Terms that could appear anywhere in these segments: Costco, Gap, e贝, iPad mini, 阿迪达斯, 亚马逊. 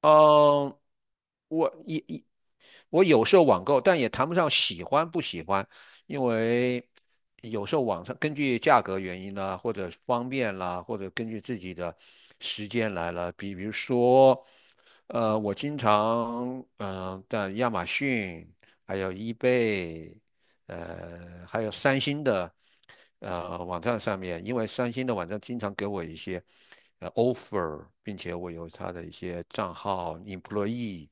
嗯，我我有时候网购，但也谈不上喜欢不喜欢，因为有时候网上根据价格原因啦，或者方便啦，或者根据自己的时间来了。比如说，我经常在亚马逊还有 e 贝。呃，还有三星的呃网站上面，因为三星的网站经常给我一些offer，并且我有他的一些账号 employee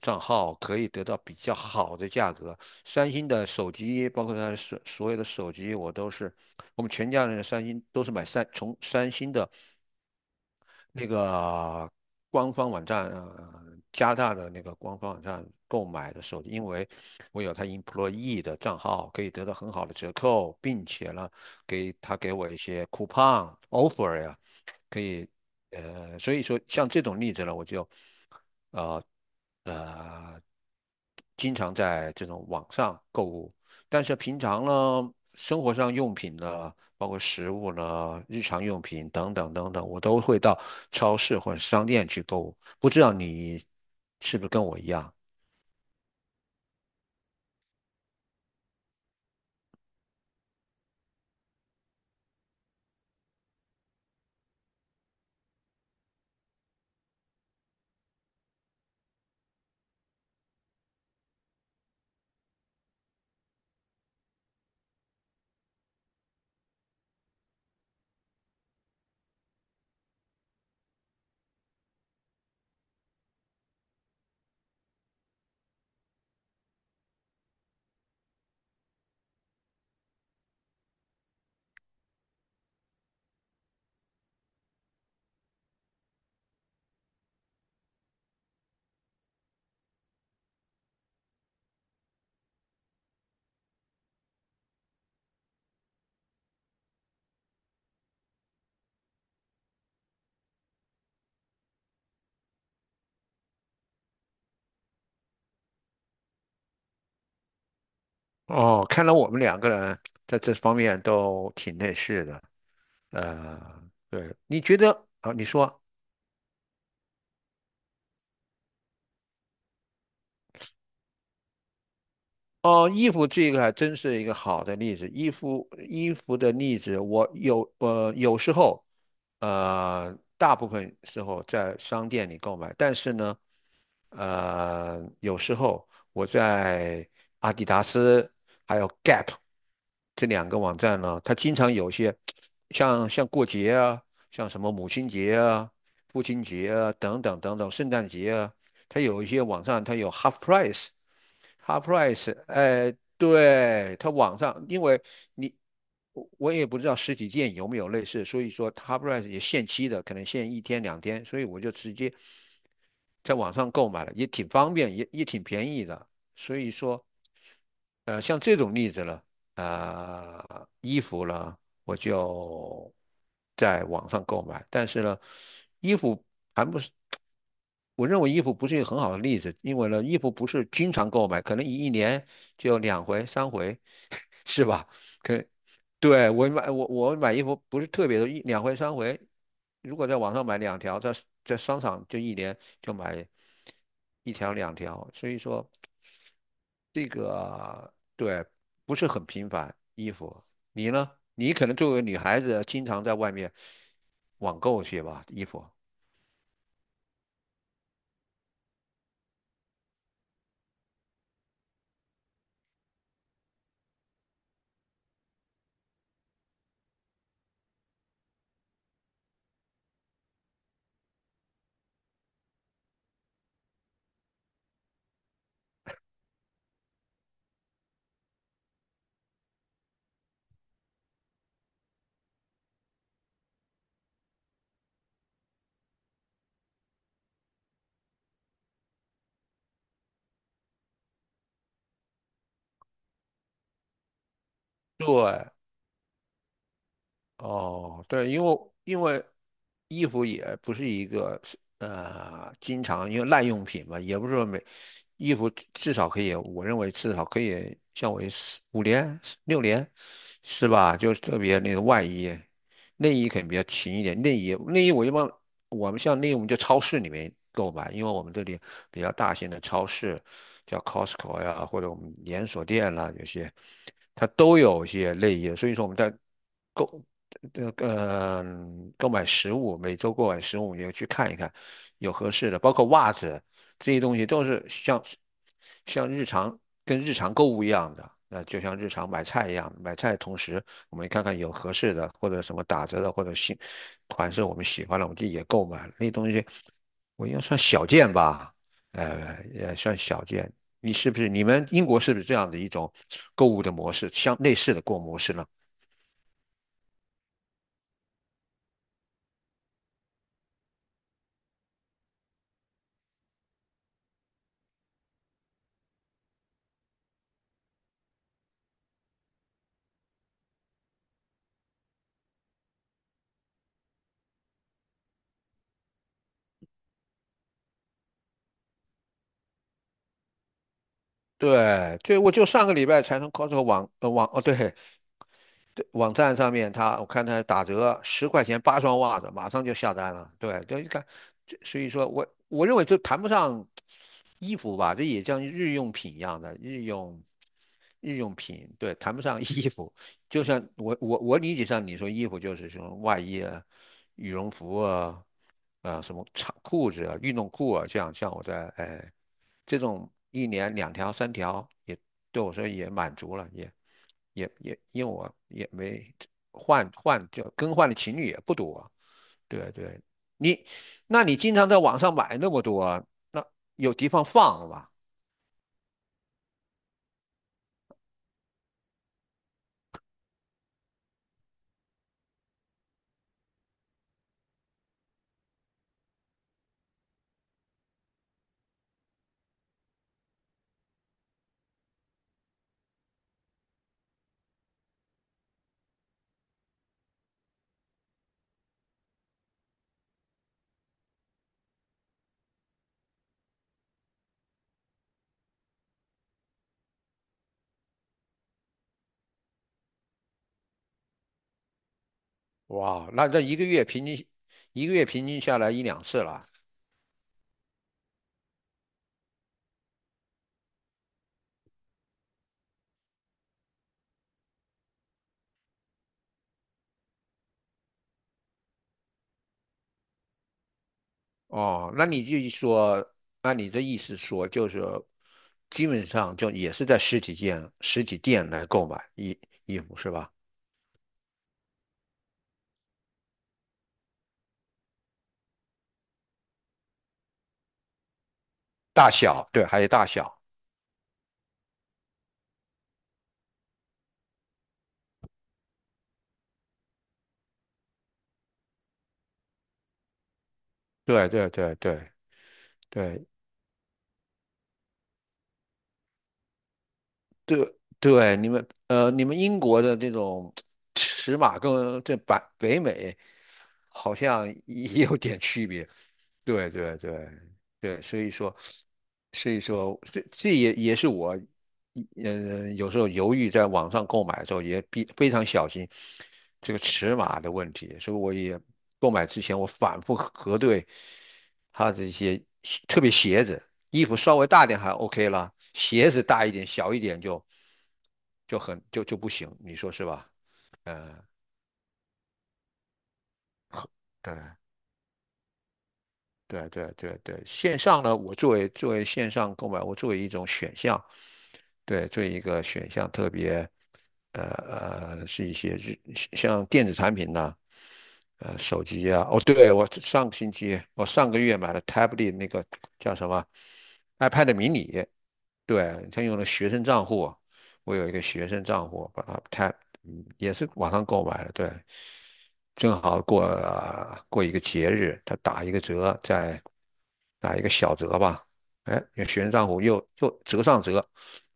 账号可以得到比较好的价格。三星的手机，包括他的所有的手机，我都是我们全家人的三星都是从三星的。那个官方网站，加拿大的那个官方网站购买的手机，因为我有他 employee 的账号，可以得到很好的折扣，并且呢，给我一些 coupon offer 呀，可以，呃，所以说像这种例子呢，我就呃呃，经常在这种网上购物，但是平常呢，生活上用品呢，包括食物呢，日常用品等等等等，我都会到超市或者商店去购物。不知道你是不是跟我一样？哦，看来我们两个人在这方面都挺类似的。呃，对，你觉得啊？你说。哦，衣服这个还真是一个好的例子。衣服的例子，我有有时候，呃大部分时候在商店里购买，但是呢，呃有时候我在阿迪达斯还有 Gap 这两个网站呢，它经常有些像过节啊，像什么母亲节啊、父亲节啊等等等等，圣诞节啊，它有一些网站它有 half price。ha price 哎，对，它网上，因为你我也不知道实体店有没有类似，所以说 h a p r i c e 也限期的，可能限一天两天，所以我就直接在网上购买了，也挺方便，也也挺便宜的。所以说，呃，像这种例子呢，呃，衣服呢，我就在网上购买，但是呢，衣服还不是。我认为衣服不是一个很好的例子，因为呢，衣服不是经常购买，可能一年就两回、三回，是吧？可对我买我买衣服不是特别多，一两回、三回。如果在网上买两条，在在商场就一年就买一条两条，所以说这个对不是很频繁。衣服，你呢？你可能作为女孩子，经常在外面网购去吧，衣服。对哦，对，因为衣服也不是一个经常因为耐用品嘛，也不是说每衣服至少可以，我认为至少可以像为4、5年、6年是吧？就特别那个外衣，内衣肯定比较勤一点。内衣我一般我们像内衣我们就超市里面购买，因为我们这里比较大型的超市叫 Costco 呀，或者我们连锁店啦，有些它都有一些内衣，所以说我们在。购这个购买食物，每周购买食物也去看一看，有合适的，包括袜子这些东西都是像日常跟日常购物一样的，那就像日常买菜一样，买菜的同时我们看看有合适的或者什么打折的或者新款式我们喜欢的，我们自己也购买了，那东西，我应该算小件吧，呃也算小件。你是不是你们英国是不是这样的一种购物的模式，像类似的购物模式呢？对，就我就上个礼拜才从 Costco 网哦对对网站上面他我看他打折10块钱8双袜子，马上就下单了。对，就一看，这所以说我认为这谈不上衣服吧，这也像日用品一样的日用品，对，谈不上衣服。就像我理解上你说衣服就是什么外衣啊、羽绒服啊、啊、什么长裤子啊、运动裤啊，这样像我在哎。这种一年两条三条也对我说也满足了，也因为我也没就更换的情侣也不多，对对，你那你经常在网上买那么多，那有地方放吧？哇，那这一个月平均一个月平均下来一两次了。哦，那你就说，按你这意思说，就是基本上就也是在实体店、实体店来购买衣服是吧？大小，对，还有大小。对对对对对对对，你们呃，你们英国的这种尺码跟这北美好像也有点区别。对对对对，所以说，所以说，这这也也是我，嗯、有时候犹豫在网上购买的时候也比非常小心这个尺码的问题，所以我也购买之前我反复核对它这些特别鞋子。衣服稍微大点还 OK 了，鞋子大一点、小一点就就很就不行，你说是吧？嗯，对对对对对，线上呢，我作为作为线上购买，我作为一种选项，对，作为一个选项，特别呃呃是一些日像电子产品呐、呃手机啊，哦，对，我上个月买了 Tablet 那个叫什么 iPad mini，对，他用了学生账户。我有一个学生账户，把它 tap，嗯，也是网上购买的，对，正好过一个节日，他打一个折，再打一个小折吧，哎，有学生账户又折上折，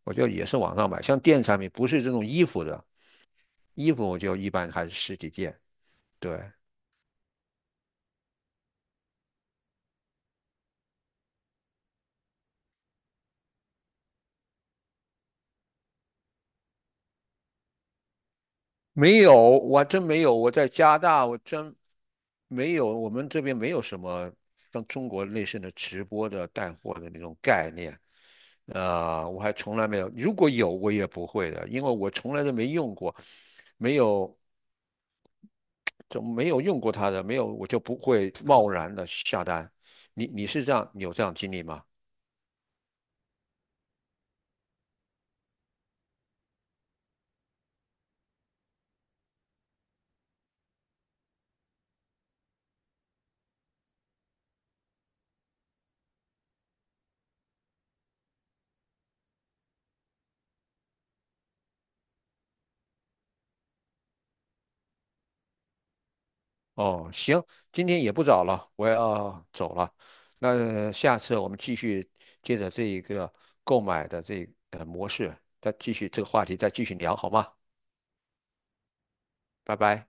我就也是网上买，像电子产品不是这种衣服的，衣服我就一般还是实体店，对，没有，我还真没有。我在加拿大，我真没有。我们这边没有什么像中国类似的直播的带货的那种概念。啊、我还从来没有。如果有，我也不会的，因为我从来都没用过，没有，就没有用过它的，没有，我就不会贸然的下单。你你是这样，你有这样经历吗？哦，行，今天也不早了，我要走了。那下次我们继续接着这一个购买的这呃模式，再继续这个话题再继续聊，好吗？拜拜。